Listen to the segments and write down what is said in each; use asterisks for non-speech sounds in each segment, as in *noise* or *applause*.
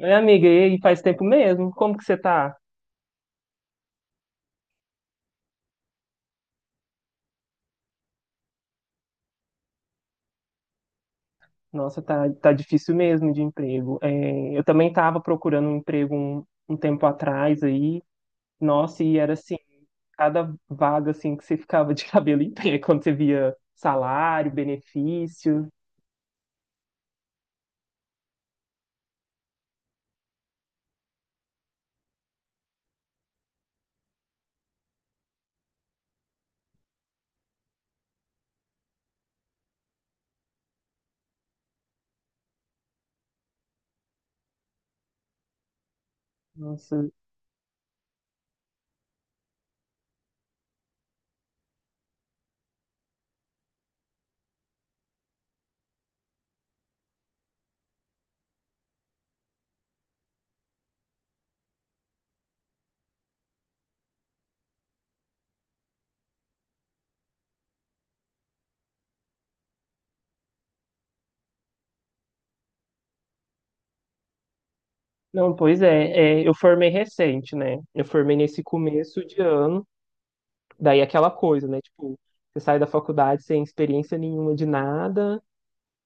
Oi, amiga, e aí, faz tempo mesmo? Como que você tá? Nossa, tá difícil mesmo de emprego. É, eu também tava procurando um emprego um tempo atrás aí. Nossa, e era assim, cada vaga assim que você ficava de *laughs* cabelo em pé quando você via salário, benefício. Nossa. Não, pois é, é, eu formei recente, né? Eu formei nesse começo de ano, daí aquela coisa, né? Tipo, você sai da faculdade sem experiência nenhuma de nada.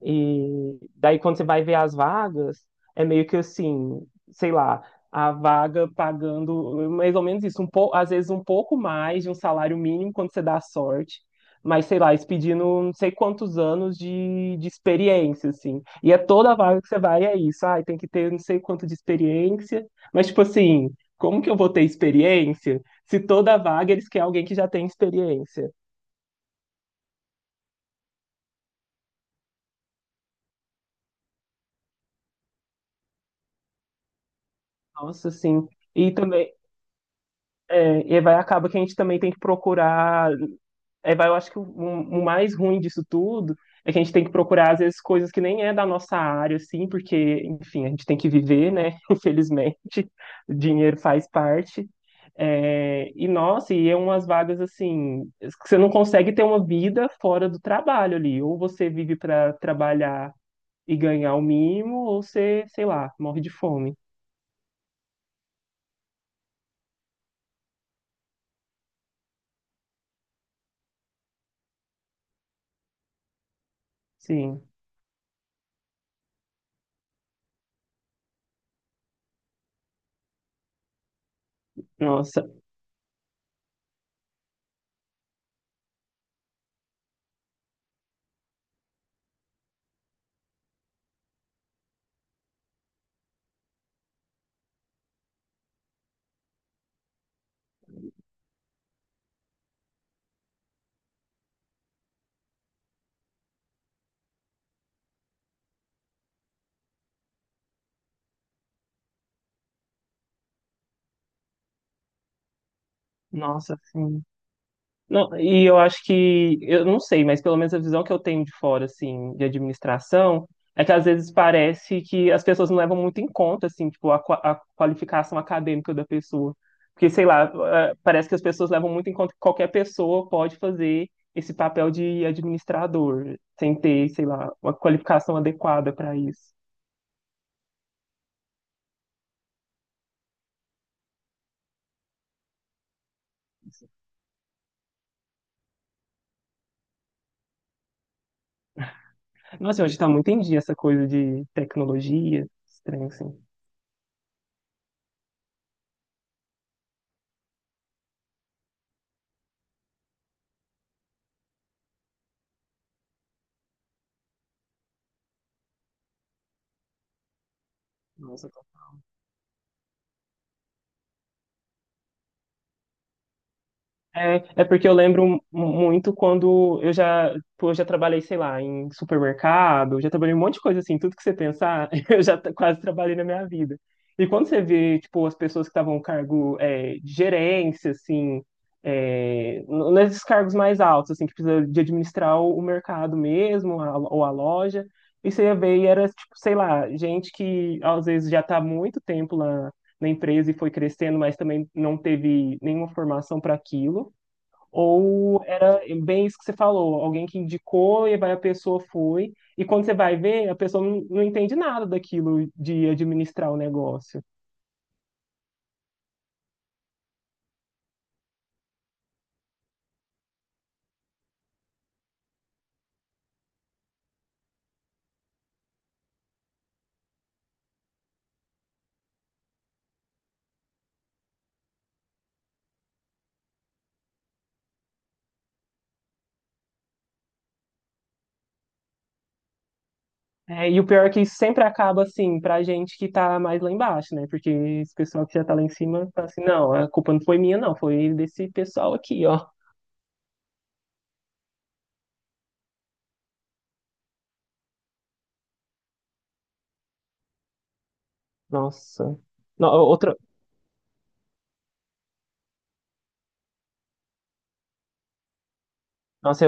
E daí, quando você vai ver as vagas, é meio que assim, sei lá, a vaga pagando mais ou menos isso, um pouco às vezes um pouco mais de um salário mínimo quando você dá sorte, mas sei lá, eles pedindo não sei quantos anos de experiência, assim. E é toda vaga que você vai, é isso. Ai, tem que ter não sei quanto de experiência, mas tipo assim, como que eu vou ter experiência se toda vaga eles querem alguém que já tem experiência? Nossa, assim. E também. É, e aí vai acaba que a gente também tem que procurar. Aí vai, eu acho que o mais ruim disso tudo é que a gente tem que procurar, às vezes, coisas que nem é da nossa área, assim, porque, enfim, a gente tem que viver, né? *laughs* Infelizmente, o dinheiro faz parte. É, e nossa, e é umas vagas assim, que você não consegue ter uma vida fora do trabalho ali. Ou você vive para trabalhar e ganhar o mínimo, ou você, sei lá, morre de fome. Sim. Nossa, nossa, sim. Não, e eu acho que, eu não sei, mas pelo menos a visão que eu tenho de fora, assim, de administração, é que às vezes parece que as pessoas não levam muito em conta, assim, tipo, a, a qualificação acadêmica da pessoa. Porque, sei lá, parece que as pessoas levam muito em conta que qualquer pessoa pode fazer esse papel de administrador, sem ter, sei lá, uma qualificação adequada para isso. Nossa, hoje está muito em dia essa coisa de tecnologia, estranho, assim. Nossa. É, é porque eu lembro muito quando eu já, pô, eu já trabalhei, sei lá, em supermercado, eu já trabalhei em um monte de coisa assim, tudo que você pensar, *laughs* eu já quase trabalhei na minha vida. E quando você vê, tipo, as pessoas que estavam no cargo é, de gerência, assim, é, nesses cargos mais altos, assim, que precisa de administrar o mercado mesmo, ou a loja, e você ia ver e era, tipo, sei lá, gente que às vezes já está há muito tempo lá na empresa e foi crescendo, mas também não teve nenhuma formação para aquilo. Ou era bem isso que você falou, alguém que indicou e vai a pessoa foi, e quando você vai ver, a pessoa não entende nada daquilo de administrar o negócio. É, e o pior é que isso sempre acaba assim, pra gente que tá mais lá embaixo, né? Porque esse pessoal que já tá lá em cima fala assim, não, a culpa não foi minha, não, foi desse pessoal aqui, ó. Nossa. No- outra, nossa,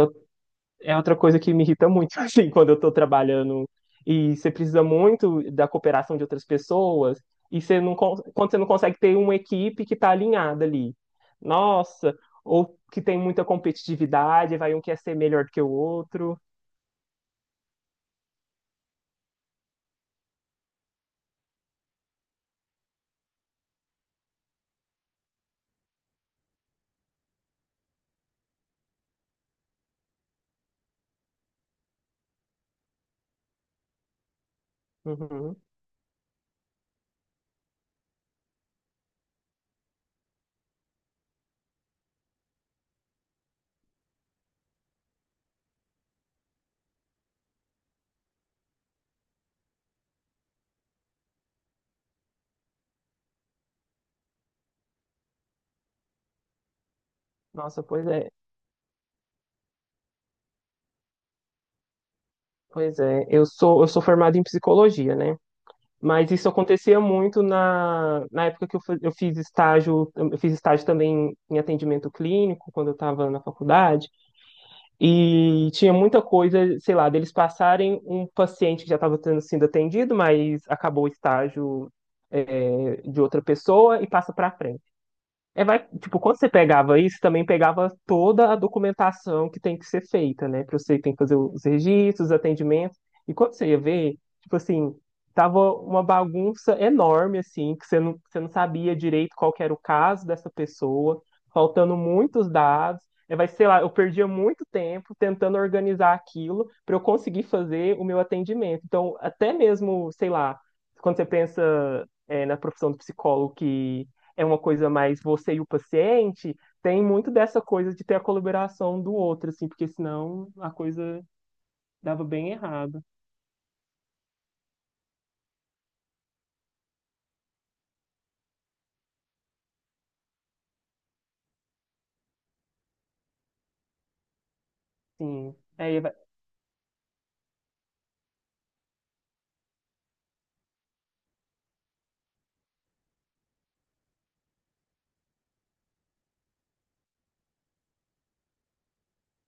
é outra coisa que me irrita muito, *laughs* assim, quando eu estou trabalhando e você precisa muito da cooperação de outras pessoas e você quando você não consegue ter uma equipe que está alinhada ali. Nossa, ou que tem muita competitividade, vai um quer ser melhor que o outro. Uhum. Nossa, pois é. Pois é, eu sou formado em psicologia, né? Mas isso acontecia muito na, na época que eu, eu fiz estágio também em atendimento clínico, quando eu estava na faculdade. E tinha muita coisa, sei lá, deles passarem um paciente que já estava sendo atendido, mas acabou o estágio de outra pessoa e passa para frente. É, vai, tipo, quando você pegava isso, também pegava toda a documentação que tem que ser feita, né? Pra você tem que fazer os registros, os atendimentos. E quando você ia ver, tipo assim, tava uma bagunça enorme, assim, que você você não sabia direito qual que era o caso dessa pessoa, faltando muitos dados. É, vai, sei lá, eu perdia muito tempo tentando organizar aquilo para eu conseguir fazer o meu atendimento. Então, até mesmo, sei lá, quando você pensa, é, na profissão do psicólogo que é uma coisa mais você e o paciente, tem muito dessa coisa de ter a colaboração do outro, assim, porque senão a coisa dava bem errado. Sim. É.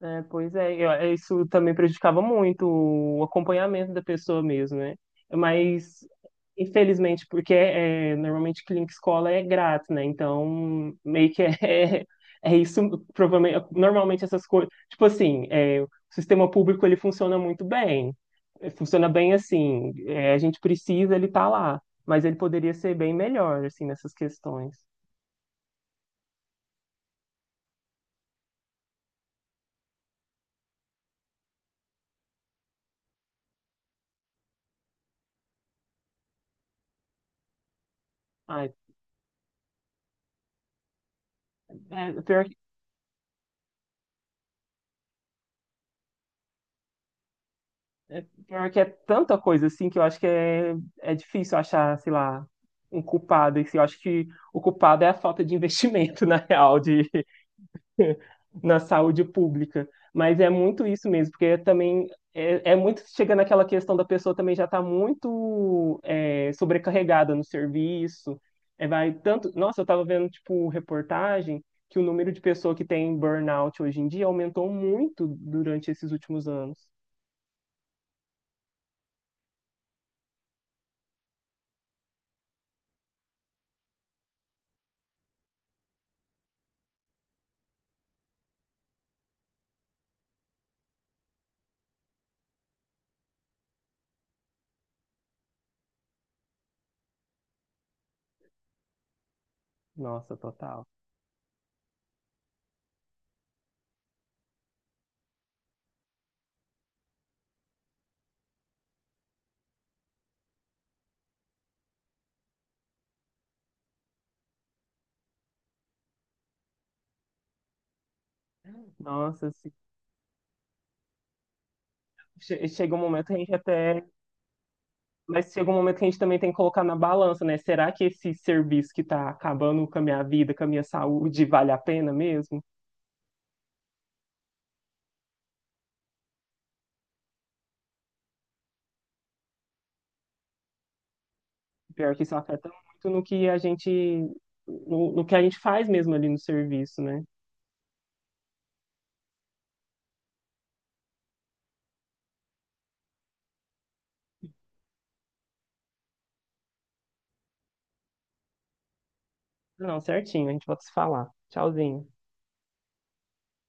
É, pois é, eu- é, isso também prejudicava muito o acompanhamento da pessoa mesmo, né? Mas, infelizmente, porque é, normalmente clínica escola é grátis, né? Então, meio que é, *laughs* é isso, provavelmente, normalmente essas coisas, tipo assim, é, o sistema público, ele funciona muito bem, funciona bem assim, é, a gente precisa, ele tá lá, mas ele poderia ser bem melhor, assim, nessas questões. Ai, é, pior. É porque é tanta coisa assim que eu acho que é, é difícil achar, sei lá, um culpado. E se eu acho que o culpado é a falta de investimento, *laughs* na real, de, *laughs* na saúde pública. Mas é muito isso mesmo, porque também é, é muito chega naquela questão da pessoa também já está muito é, sobrecarregada no serviço. É, vai tanto. Nossa, eu estava vendo tipo reportagem que o número de pessoa que tem burnout hoje em dia aumentou muito durante esses últimos anos. Nossa, total. Nossa, assim, che- chega um momento que a gente até. Mas chega um momento que a gente também tem que colocar na balança, né? Será que esse serviço que tá acabando com a minha vida, com a minha saúde, vale a pena mesmo? Pior que isso afeta muito no que a gente. No, no que a gente faz mesmo ali no serviço, né? Não, certinho, a gente volta a se falar. Tchauzinho.